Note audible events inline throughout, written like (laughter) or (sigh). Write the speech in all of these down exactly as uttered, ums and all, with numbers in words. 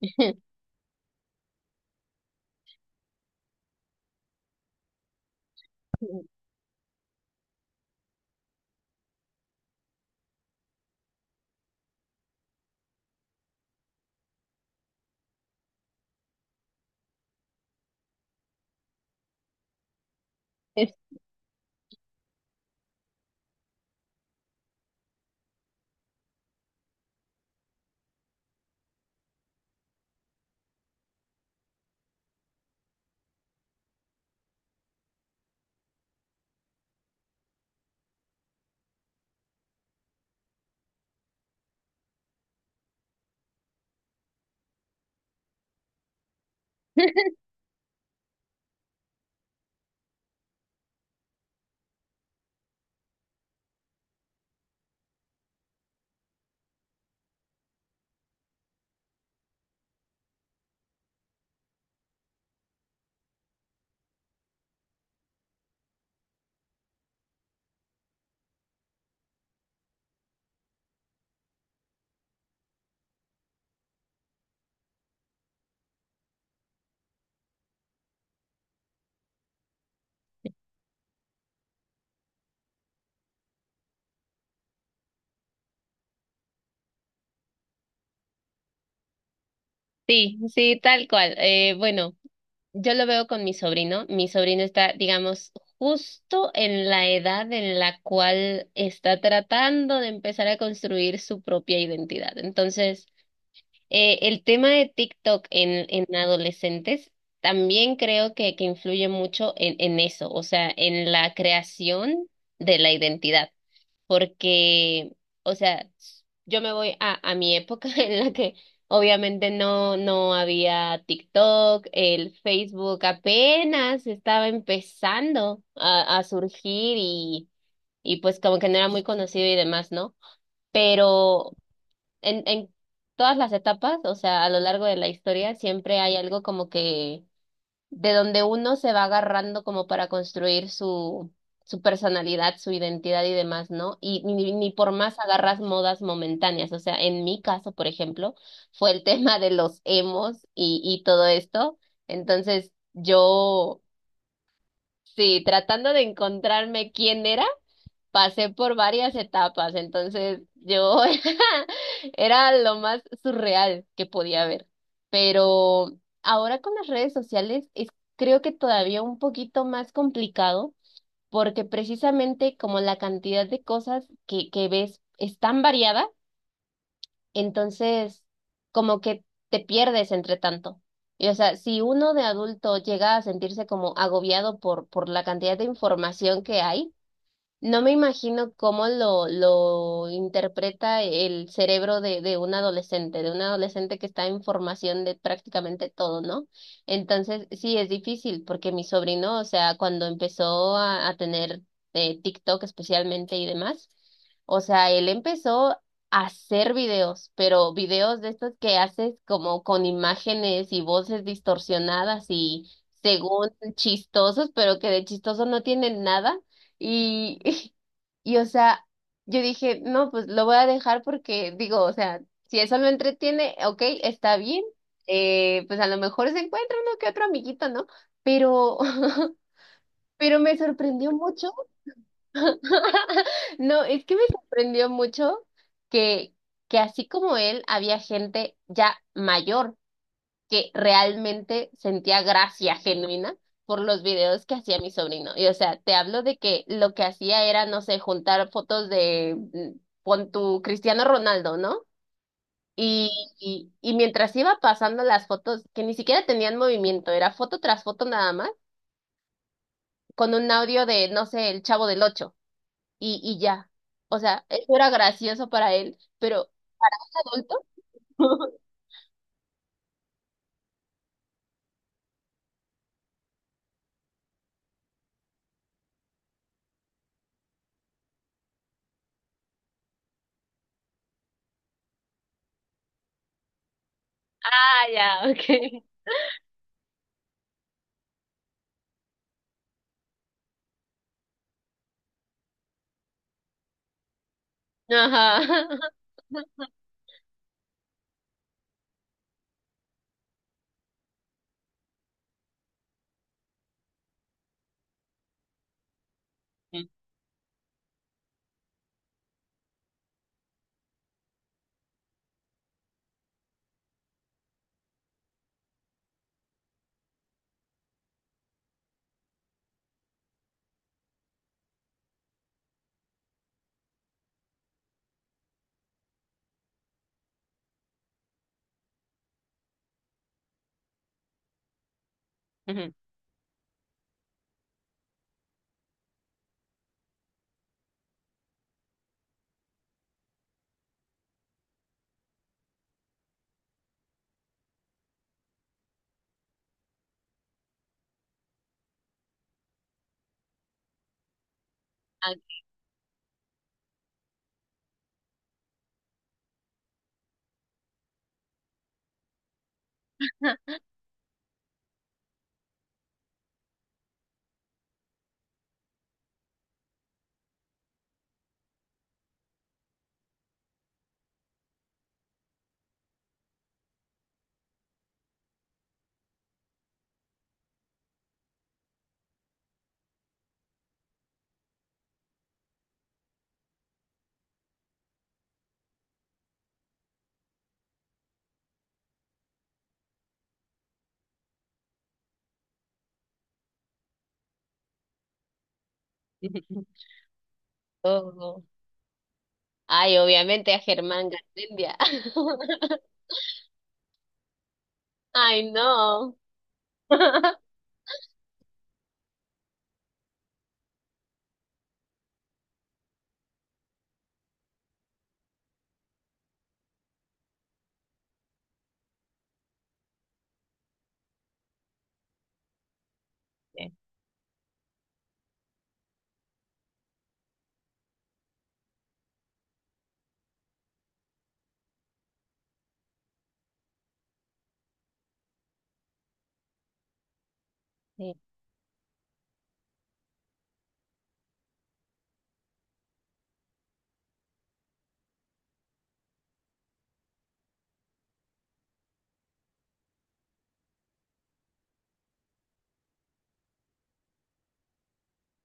(laughs) Es- Sí, sí, tal cual. Eh, bueno, yo lo veo con mi sobrino. Mi sobrino está, digamos, justo en la edad en la cual está tratando de empezar a construir su propia identidad. Entonces, eh, el tema de TikTok en, en adolescentes también creo que, que influye mucho en, en eso, o sea, en la creación de la identidad, porque, o sea, yo me voy a, a mi época (laughs) en la que obviamente no, no había TikTok, el Facebook apenas estaba empezando a, a surgir y, y pues como que no era muy conocido y demás, ¿no? Pero en, en todas las etapas, o sea, a lo largo de la historia, siempre hay algo como que de donde uno se va agarrando como para construir su, su personalidad, su identidad y demás, ¿no? Y ni, ni por más agarras modas momentáneas. O sea, en mi caso, por ejemplo, fue el (laughs) tema de los emos y, y todo esto. Entonces, yo, sí, tratando de encontrarme quién era, pasé por varias etapas, entonces yo (laughs) era lo más surreal que podía ver. Pero ahora con las redes sociales es, creo que, todavía un poquito más complicado porque precisamente como la cantidad de cosas que, que ves es tan variada, entonces como que te pierdes entre tanto. Y, o sea, si uno de adulto llega a sentirse como agobiado por, por la cantidad de información que hay, no me imagino cómo lo, lo interpreta el cerebro de, de un adolescente, de un adolescente que está en formación de prácticamente todo, ¿no? Entonces, sí, es difícil porque mi sobrino, o sea, cuando empezó a, a tener eh, TikTok especialmente y demás, o sea, él empezó a hacer videos, pero videos de estos que haces como con imágenes y voces distorsionadas y según chistosos, pero que de chistoso no tienen nada. Y, (laughs) y, o sea, yo dije, no, pues lo voy a dejar porque digo, o sea, si eso lo entretiene, ok, está bien, eh, pues a lo mejor se encuentra uno que otro amiguito, ¿no? Pero, (laughs) pero me sorprendió mucho, (laughs) no, es que me sorprendió mucho que, que así como él, había gente ya mayor que realmente sentía gracia genuina por los videos que hacía mi sobrino. Y o sea, te hablo de que lo que hacía era, no sé, juntar fotos de, mm, pon tu Cristiano Ronaldo, ¿no? Y, y, y mientras iba pasando las fotos, que ni siquiera tenían movimiento, era foto tras foto nada más, con un audio de, no sé, el Chavo del Ocho, y, y ya. O sea, eso era gracioso para él, pero adulto. (laughs) Ah, ya, ok. Ajá. (laughs) Ujú. Ah, (laughs) Oh. Ay, obviamente a Germán Garmendia. (laughs) Ay, no. (laughs) Sí, sí.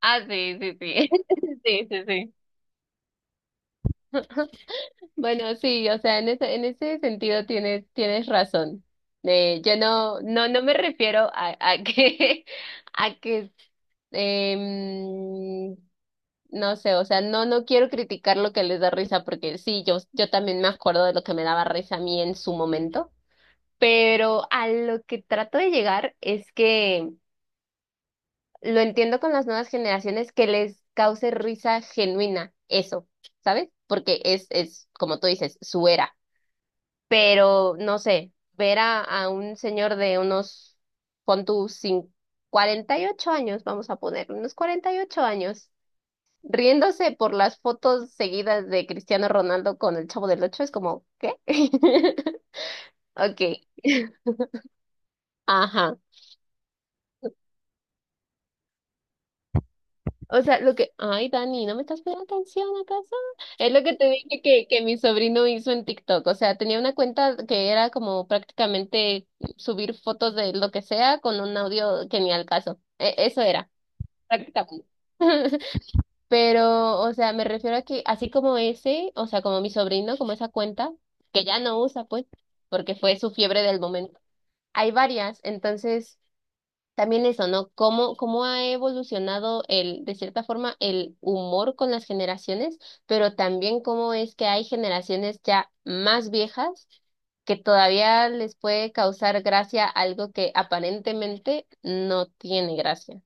Ah, sí, sí, sí. (laughs) Sí, sí, sí. Bueno, sí, o sea, en ese, en ese sentido tienes, tienes razón. Eh, yo no, no, no me refiero a, a que, (laughs) a que, em, no sé, o sea, no, no quiero criticar lo que les da risa, porque sí, yo, yo también me acuerdo de lo que me daba risa a mí en su momento, pero a lo que trato de llegar es que lo entiendo con las nuevas generaciones que les cause risa genuina, eso, ¿sabes? Porque es, es, como tú dices, su era. Pero, no sé, ver a, a un señor de unos, pon tú, cin- cuarenta y ocho años, vamos a poner, unos cuarenta y ocho años, riéndose por las fotos seguidas de Cristiano Ronaldo con el Chavo del Ocho, es como, ¿qué? (laughs) Ok, ajá. O sea, lo que, ay, Dani, ¿no me estás poniendo atención acaso? Es lo que te dije que, que mi sobrino hizo en TikTok. O sea, tenía una cuenta que era como prácticamente subir fotos de lo que sea con un audio que ni al caso. E- eso era, prácticamente. (laughs) Pero, o sea, me refiero a que así como ese, o sea, como mi sobrino, como esa cuenta, que ya no usa, pues, porque fue su fiebre del momento. Hay varias, entonces. También eso, ¿no? ¿Cómo, cómo ha evolucionado el, de cierta forma, el humor con las generaciones, pero también cómo es que hay generaciones ya más viejas que todavía les puede causar gracia algo que aparentemente no tiene gracia?